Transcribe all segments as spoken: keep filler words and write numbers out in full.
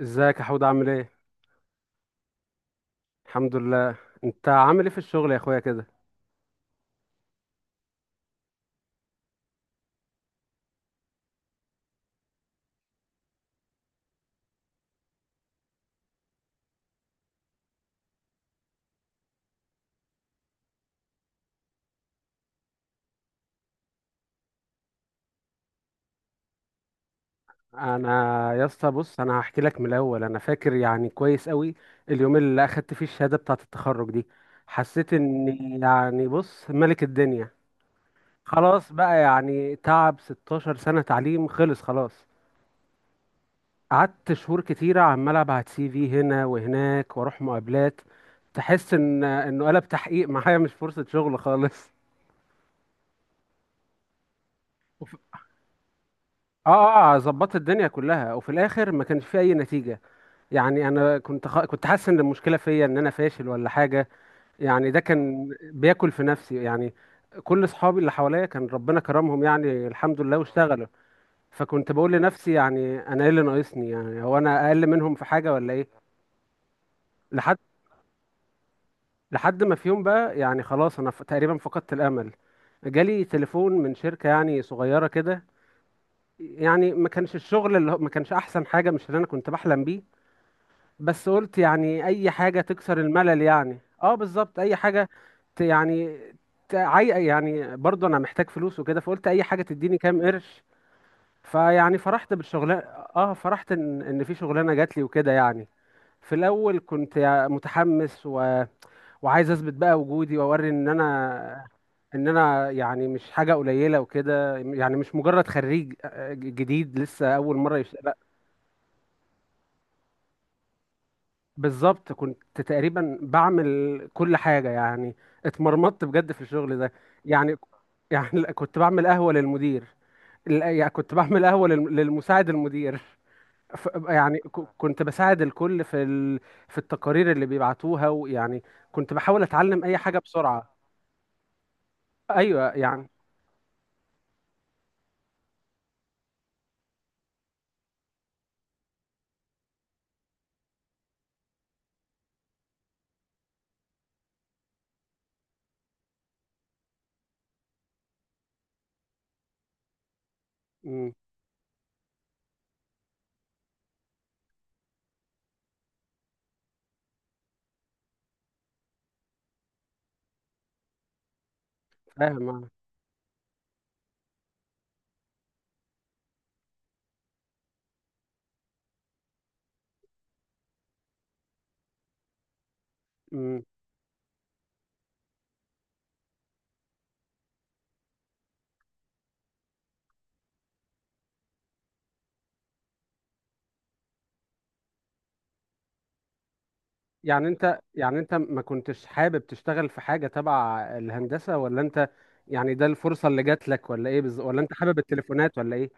ازيك يا حود، عامل ايه؟ الحمد لله. انت عامل ايه في الشغل يا اخويا كده؟ انا يا اسطى، بص، انا هحكي لك من الاول. انا فاكر يعني كويس قوي اليوم اللي اخدت فيه الشهاده بتاعه التخرج دي. حسيت اني يعني بص ملك الدنيا. خلاص بقى، يعني تعب ستاشر سنه تعليم، خلص خلاص. قعدت شهور كتيره عمال ابعت سي في هنا وهناك واروح مقابلات. تحس ان انه قلب تحقيق معايا، مش فرصه شغل خالص. اه اه آه، ظبطت الدنيا كلها وفي الاخر ما كانش في اي نتيجه. يعني انا كنت خ... كنت حاسس ان المشكله فيا، ان انا فاشل ولا حاجه. يعني ده كان بياكل في نفسي يعني. كل اصحابي اللي حواليا كان ربنا كرمهم يعني الحمد لله واشتغلوا. فكنت بقول لنفسي، يعني انا ايه اللي ناقصني؟ يعني هو انا اقل منهم في حاجه ولا ايه؟ لحد لحد ما في يوم بقى، يعني خلاص، انا ف... تقريبا فقدت الامل. جالي تليفون من شركه يعني صغيره كده. يعني ما كانش الشغل اللي هو ما كانش احسن حاجه، مش اللي انا كنت بحلم بيه. بس قلت يعني اي حاجة تكسر الملل، يعني اه بالظبط اي حاجة. ت يعني تعي يعني برضه انا محتاج فلوس وكده، فقلت اي حاجة تديني كام قرش. فيعني فرحت بالشغلانة. اه، فرحت ان ان في شغلانة جات لي وكده يعني. في الاول كنت يع- متحمس، و... وعايز اثبت بقى وجودي واوري ان انا ان انا يعني مش حاجة قليلة وكده، يعني مش مجرد خريج آه، جديد لسه اول مرة. بالظبط كنت تقريبا بعمل كل حاجة يعني. اتمرمطت بجد في الشغل ده. يعني يعني كنت بعمل قهوة للمدير. لا، يعني كنت بعمل قهوة للم- للمساعد المدير. ف- يعني ك- كنت بساعد الكل في ال... في التقارير اللي بيبعتوها ويعني كنت بحاول اتعلم اي حاجة بسرعة. ايوه يعني. مم، فاهم أنا. مم. يعني انت، يعني انت ما كنتش حابب تشتغل في حاجة تبع الهندسة، ولا انت يعني ده الفرصة اللي جات لك ولا ايه بالظبط، ولا انت حابب التليفونات ولا ايه؟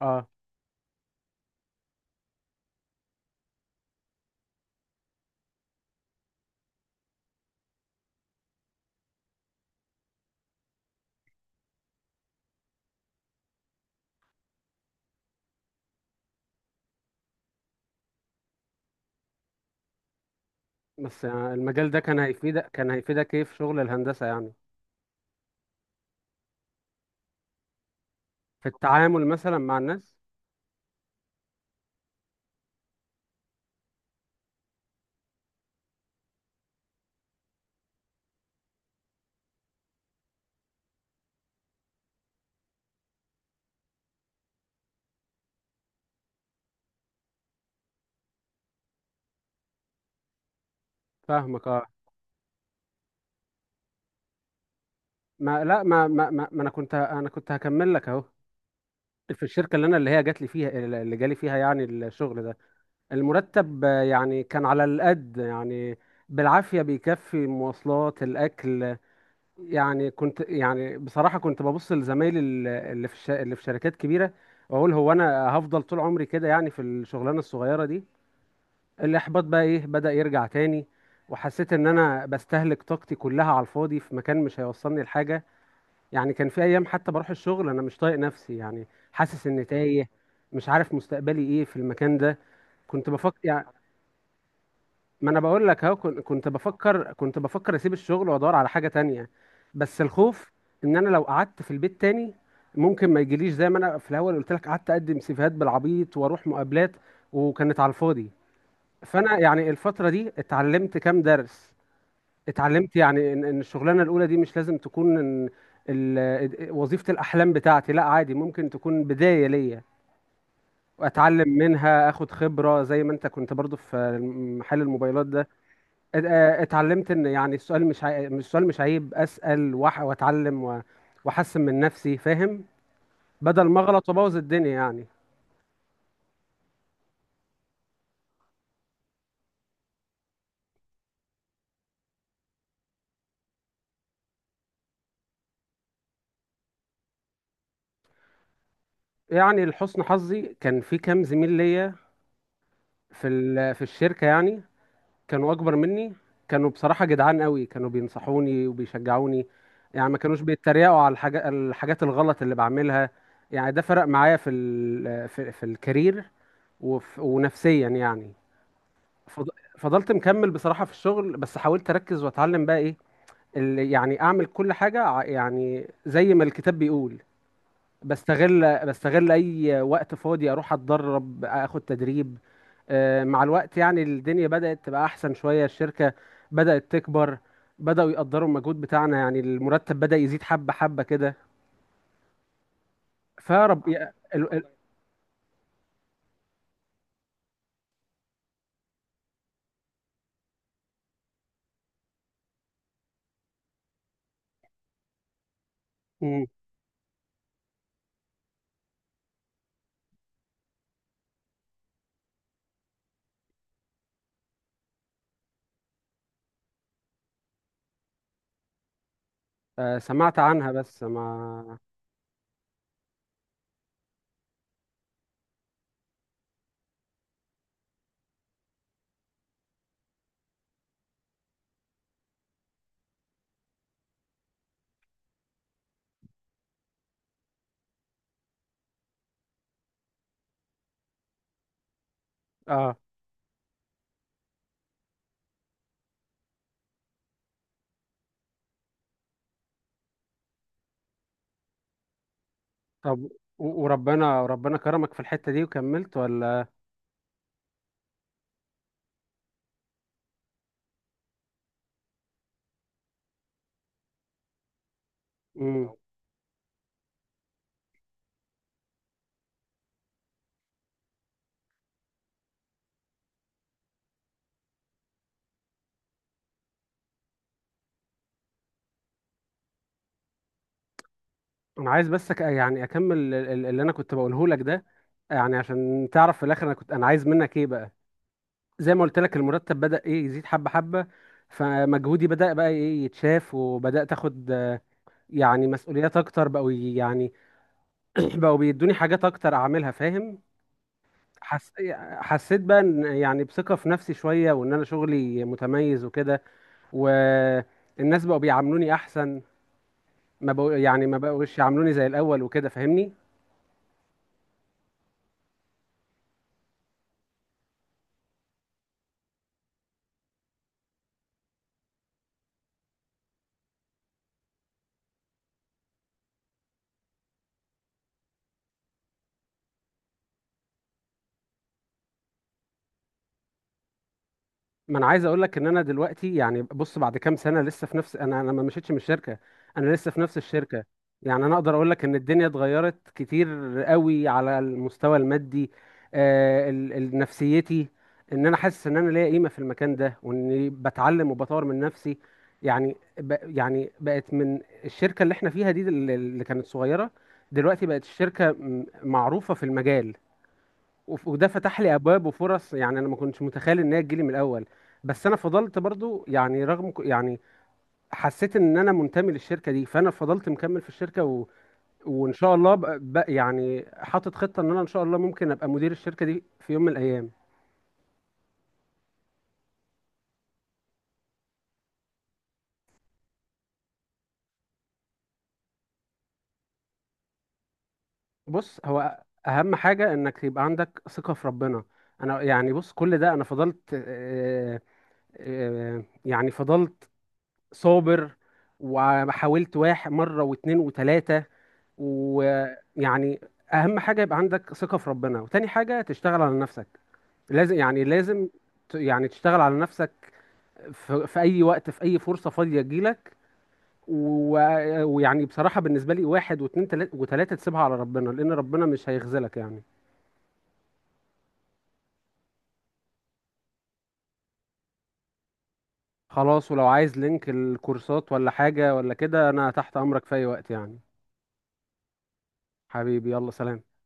اه. بس يعني المجال ده كان هيفيدك كان هيفيدك ايه في شغل الهندسة يعني؟ في التعامل مثلا مع الناس؟ فاهمك، اه. ما لا ما ما, ما, ما انا كنت انا كنت هكمل لك اهو. في الشركة اللي انا اللي هي جات لي فيها، اللي جالي فيها يعني الشغل ده، المرتب آه، يعني كان على القد، يعني بالعافية بيكفي مواصلات الأكل. يعني كنت، يعني بصراحة كنت ببص لزمايلي ال- اللي في الش... اللي في شركات كبيرة، واقول هو انا هفضل طول عمري كده يعني في الشغلانة الصغيرة دي؟ الاحباط بقى ايه بدأ يرجع تاني. وحسيت ان انا بستهلك طاقتي كلها على الفاضي في مكان مش هيوصلني لحاجة. يعني كان في ايام حتى بروح الشغل انا مش طايق نفسي، يعني حاسس اني تايه، مش عارف مستقبلي ايه في المكان ده. كنت بفكر، ما انا بقول لك اهو، كن- كنت بفكر كنت بفكر اسيب الشغل وادور على حاجه تانية. بس الخوف ان انا لو قعدت في البيت تاني ممكن ما يجيليش، زي ما انا في الاول قلت لك، قعدت اقدم سيفيهات بالعبيط واروح مقابلات وكانت على الفاضي. فانا يعني الفتره دي اتعلمت كام درس. اتعلمت يعني ان إن الشغلانه الاولى دي مش لازم تكون إن ال- وظيفه الاحلام بتاعتي، لا عادي ممكن تكون بدايه ليا واتعلم منها، اخد خبره زي ما انت كنت برضو في محل الموبايلات ده. ات- اه، اتعلمت ان يعني السؤال، مش عي... مش- السؤال مش عيب، اسال وأح... واتعلم، و... واحسن من نفسي، فاهم؟ بدل ما اغلط وابوظ الدنيا يعني. يعني لحسن حظي كان في كام زميل ليا في ال... في الشركه يعني، كانوا اكبر مني، كانوا بصراحه جدعان قوي، كانوا بينصحوني وبيشجعوني، يعني ما كانوش بيتريقوا على الحاجة... الحاجات الغلط اللي بعملها. يعني ده فرق معايا في ال... في, في الكارير وف... ونفسيا يعني. فض- فضلت مكمل بصراحة في الشغل، بس حاولت أركز وأتعلم بقى إيه اللي يعني أعمل كل حاجة، ع- يعني زي ما الكتاب بيقول. بستغل بستغل أي وقت فاضي أروح أتدرب، أخد تدريب. آه، مع الوقت يعني الدنيا بدأت تبقى أحسن شوية، الشركة بدأت تكبر، بدأوا يقدروا المجهود بتاعنا، يعني المرتب بدأ يزيد حبة حبة كده. فرب يا- ال... ال... مم. آه، سمعت عنها بس ما. آه. طب، و- وربنا وربنا كرمك في الحتة دي وكملت ولا؟ امم انا عايز بس، أك... يعني اكمل ال- ال- اللي انا كنت بقوله لك ده، يعني عشان تعرف في الاخر انا كنت انا عايز منك ايه بقى. زي ما قلت لك، المرتب بدأ ايه يزيد حبة حبة، فمجهودي بدأ بقى ايه يتشاف، وبدأت اخد آه، يعني مسؤوليات اكتر. بقوا ي- يعني بقوا بيدوني حاجات اكتر اعملها، فاهم؟ حس... حسيت بقى ان يعني بثقة في نفسي شوية، وان انا شغلي متميز وكده، والناس بقوا بيعاملوني احسن، ما بقوا يعني ما بقوش يعاملوني زي الاول وكده، فاهمني؟ ما انا عايز اقول لك ان انا دلوقتي، يعني بص بعد كام سنه، لسه في نفس، انا انا ما مشيتش من الشركه، انا لسه في نفس الشركه. يعني انا اقدر اقول لك ان الدنيا اتغيرت كتير قوي، على المستوى المادي، آه ال- ال- نفسيتي، ان انا حاسس ان انا ليا قيمه في المكان ده، واني بتعلم وبطور من نفسي. يعني ب يعني بقت من الشركه اللي احنا فيها دي، دل- اللي كانت صغيره دلوقتي بقت الشركه م- معروفه في المجال، وف- وده فتح لي ابواب وفرص يعني انا ما كنتش متخيل ان هي تجيلي من الاول. بس انا فضلت برضو، يعني رغم ك- يعني حسيت ان انا منتمي للشركه دي، فانا فضلت مكمل في الشركه، و... وان شاء الله، ب... ب... يعني حاطط خطه ان انا ان شاء الله ممكن ابقى مدير الشركه دي في يوم من الايام. بص، هو اهم حاجه انك يبقى عندك ثقه في ربنا. انا يعني بص، كل ده انا فضلت، آه، آه، يعني فضلت صابر، وحاولت واحد مره واتنين وتلاته ويعني، اهم حاجه يبقى عندك ثقه في ربنا، وتاني حاجه تشتغل على نفسك. لازم، يعني لازم ت- يعني تشتغل على نفسك في, في اي وقت، في اي فرصه فاضيه تجيلك، و- ويعني بصراحه بالنسبه لي، واحد واتنين تلا- وتلاته تسيبها على ربنا، لان ربنا مش هيخذلك يعني. خلاص، ولو عايز لينك الكورسات ولا حاجه ولا كده انا تحت امرك في اي وقت يعني. حبيبي، يلا سلام.